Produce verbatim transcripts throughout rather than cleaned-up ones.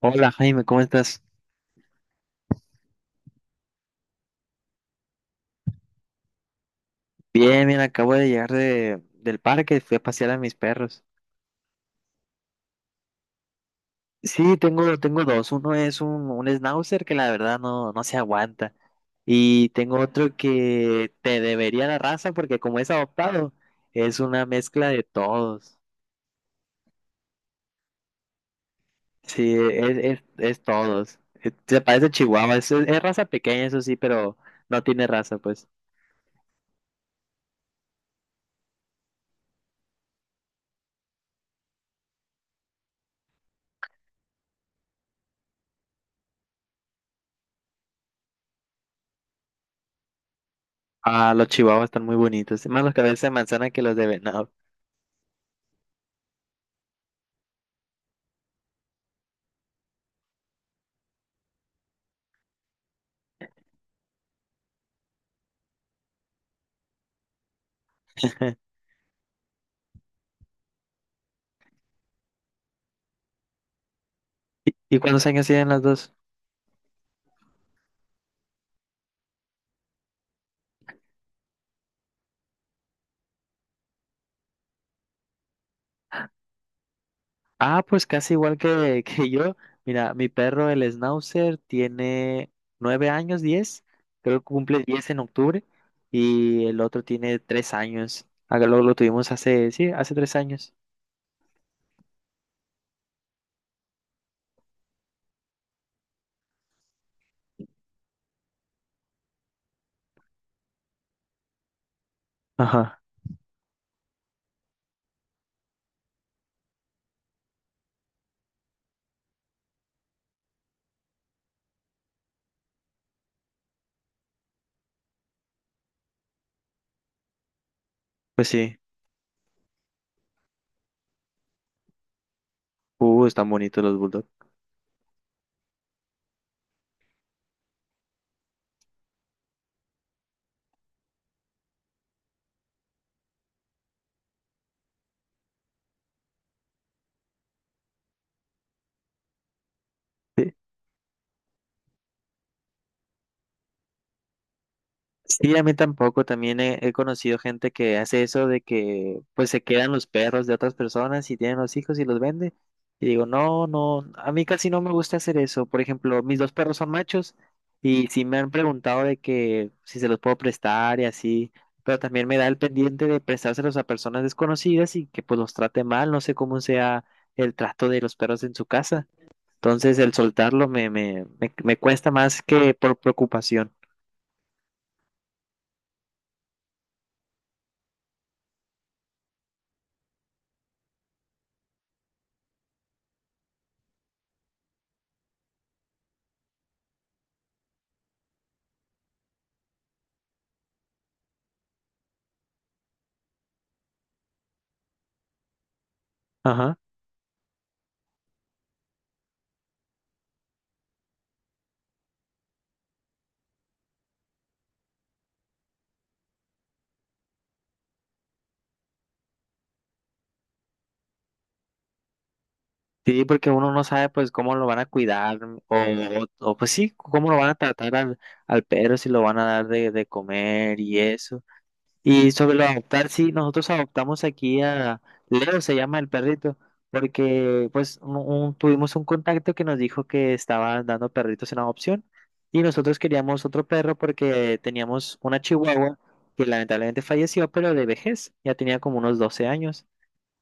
Hola Jaime, ¿cómo estás? Bien, bien, acabo de llegar de, del parque, fui a pasear a mis perros. Sí, tengo, tengo dos. Uno es un, un schnauzer que la verdad no, no se aguanta. Y tengo otro que te debería la raza porque como es adoptado, es una mezcla de todos. Sí, es, es, es todos. Eh, Se parece a Chihuahua, es, es raza pequeña, eso sí, pero no tiene raza, pues. Ah, los chihuahuas están muy bonitos, más los cabezas de manzana que los de venado. ¿Y, y cuántos años tienen las dos? Ah, pues casi igual que, que yo. Mira, mi perro, el Schnauzer, tiene nueve años, diez. Creo que cumple diez en octubre. Y el otro tiene tres años. Acá lo, lo tuvimos hace, sí, hace tres años. Ajá, pues sí. Uh, están bonitos los bulldogs. Sí, a mí tampoco. También he, he conocido gente que hace eso de que pues se quedan los perros de otras personas y tienen los hijos y los vende. Y digo, no, no, a mí casi no me gusta hacer eso. Por ejemplo, mis dos perros son machos y sí me han preguntado de que si se los puedo prestar y así, pero también me da el pendiente de prestárselos a personas desconocidas y que pues los trate mal. No sé cómo sea el trato de los perros en su casa. Entonces el soltarlo me, me, me, me cuesta más que por preocupación. Ajá. Sí, porque uno no sabe pues cómo lo van a cuidar mm, o, o o, pues sí, cómo lo van a tratar al, al perro, si lo van a dar de, de comer y eso. Y sobre lo de adoptar, sí, nosotros adoptamos aquí a Leo, se llama el perrito, porque pues un- un- tuvimos un contacto que nos dijo que estaban dando perritos en adopción y nosotros queríamos otro perro porque teníamos una chihuahua que lamentablemente falleció, pero de vejez, ya tenía como unos doce años.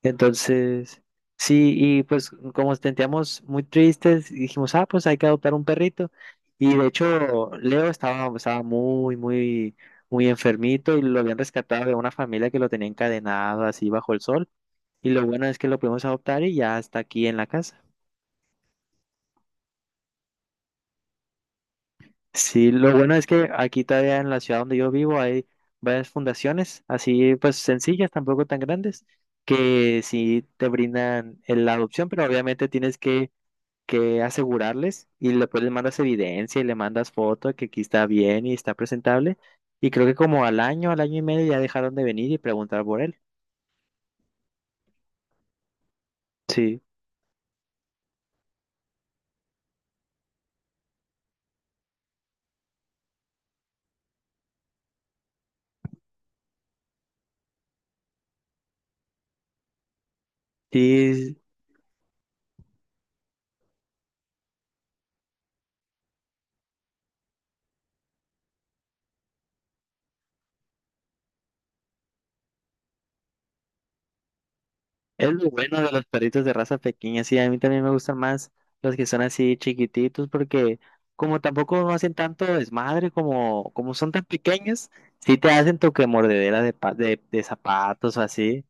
Entonces, sí, y pues como nos sentíamos muy tristes, dijimos, ah, pues hay que adoptar un perrito. Y de hecho, Leo estaba, estaba muy, muy, muy enfermito y lo habían rescatado de una familia que lo tenía encadenado así bajo el sol. Y lo bueno es que lo pudimos adoptar y ya está aquí en la casa. Sí, lo bueno es que aquí todavía en la ciudad donde yo vivo hay varias fundaciones, así pues sencillas, tampoco tan grandes, que sí te brindan el- la adopción, pero obviamente tienes que que asegurarles y después les mandas evidencia y le mandas foto de que aquí está bien y está presentable. Y creo que como al año, al año y medio ya dejaron de venir y preguntar por él. Sí, sí, es lo bueno de los perritos de raza pequeña. Sí, a mí también me gustan más los que son así chiquititos porque como tampoco no hacen tanto desmadre como, como son tan pequeños, sí te hacen tu que mordedera de, pa- de, de zapatos o así.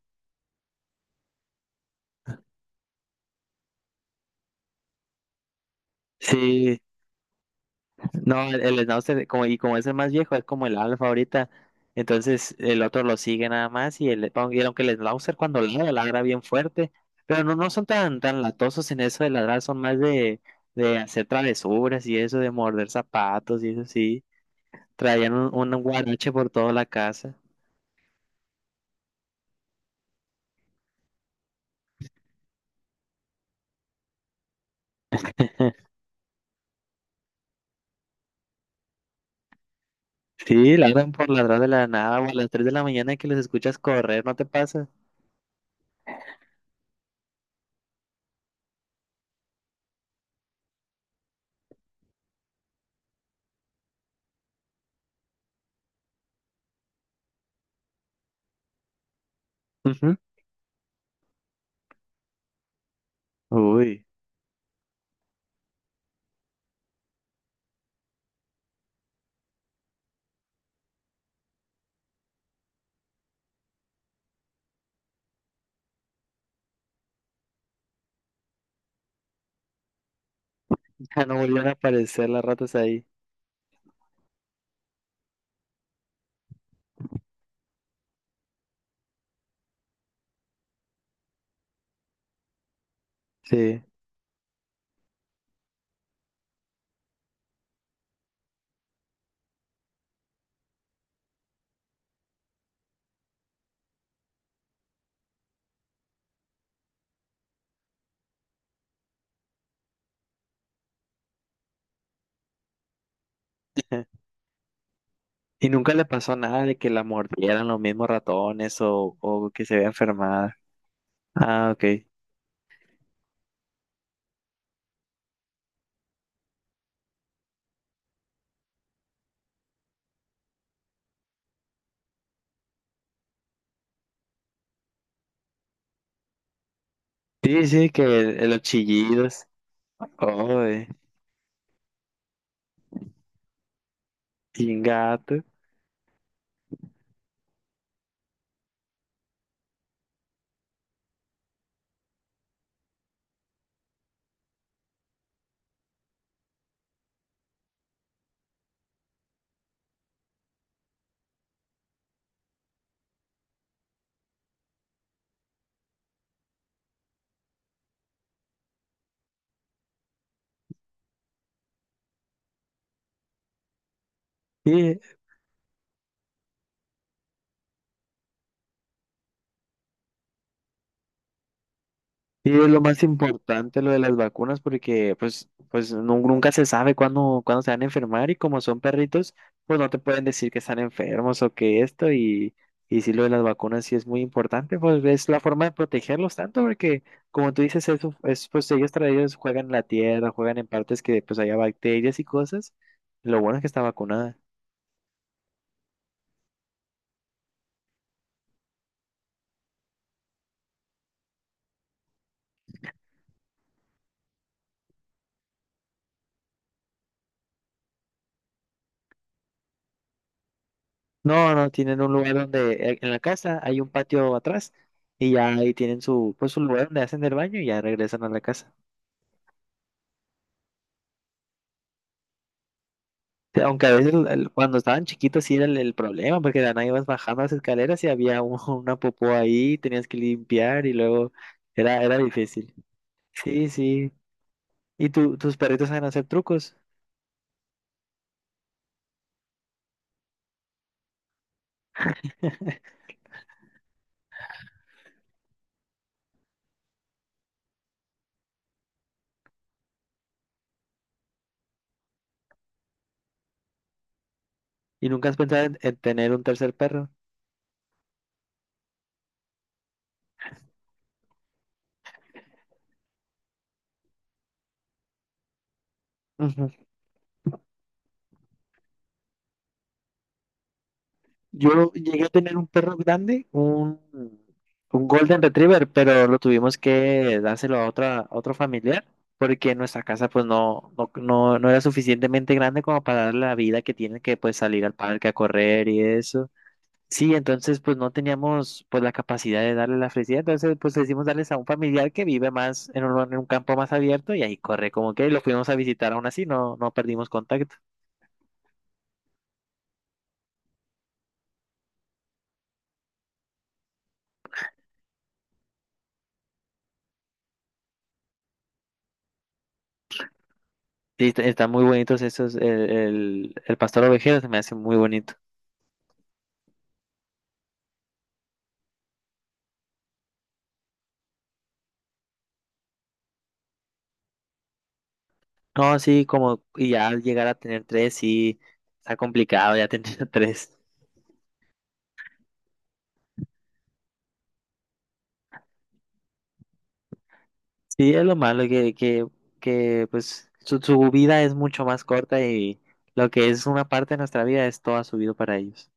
Sí, no, el, el Snauzer, como, y como es el más viejo, es como el alfa ahorita. Entonces el otro lo sigue nada más y, el, y aunque el Snauzer cuando ladra, ladra bien fuerte. Pero no, no son tan, tan latosos en eso de ladrar, son más de, de hacer travesuras y eso, de morder zapatos y eso sí. Traían un, un guarache por toda la casa. Sí, ladran por ladrar de la nada o a las tres de la mañana que los escuchas correr, ¿no te pasa? Ujú. Uy, ya no volvieron a aparecer las ratas ahí. Sí. Y nunca le pasó nada de que la mordieran los mismos ratones o, o que se vea enfermada. Ah, ok. Sí, sí, que el- los chillidos. Oh, chingato. Sí, y es lo más importante lo de las vacunas porque pues, pues nu- nunca se sabe cuándo, cuándo se van a enfermar y como son perritos, pues no te pueden decir que están enfermos o que esto y, y sí lo de las vacunas sí es muy importante, pues es la forma de protegerlos tanto porque como tú dices, eso es, pues ellos, tra- ellos juegan en la tierra, juegan en partes que pues haya bacterias y cosas. Lo bueno es que está vacunada. No, no, tienen un lugar donde eh, en la casa hay un patio atrás y ya ahí tienen su, pues su lugar donde hacen el baño y ya regresan a la casa. Sí, aunque a veces el- el- cuando estaban chiquitos sí era el, el problema, porque de la nada ibas bajando las escaleras y había un- una popó ahí, tenías que limpiar y luego era, era difícil. Sí, sí. ¿Y tú- tus perritos saben hacer trucos? ¿Y nunca has pensado en, en tener un tercer perro? Yo llegué a tener un perro grande, un, un Golden Retriever, pero lo tuvimos que dárselo a otra, a otro familiar, porque nuestra casa pues no, no, no, no era suficientemente grande como para darle la vida que tiene que pues salir al parque a correr y eso. Sí, entonces pues no teníamos pues la capacidad de darle la felicidad, entonces pues decidimos darles a un familiar que vive más en un, en un, campo más abierto y ahí corre como que y lo fuimos a visitar aún así, no, no perdimos contacto. Sí, est- están muy bonitos esos, el, el, el pastor ovejero se me hace muy bonito. No, sí, como, y ya al llegar a tener tres, sí, está complicado ya tener tres. Sí, es lo malo, que, que, que pues su, su vida es mucho más corta y lo que es una parte de nuestra vida es toda su vida para ellos.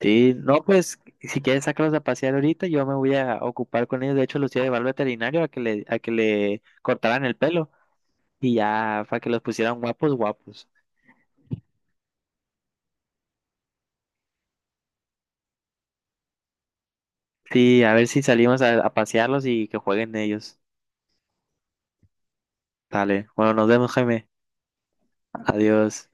Sí, no, pues si quieres sacarlos a pasear ahorita, yo me voy a ocupar con ellos. De hecho, los iba a llevar al veterinario a que le, a que le cortaran el pelo. Y ya, para que los pusieran guapos, guapos. Sí, a ver si salimos a, a pasearlos y que jueguen ellos. Dale. Bueno, nos vemos, Jaime. Adiós.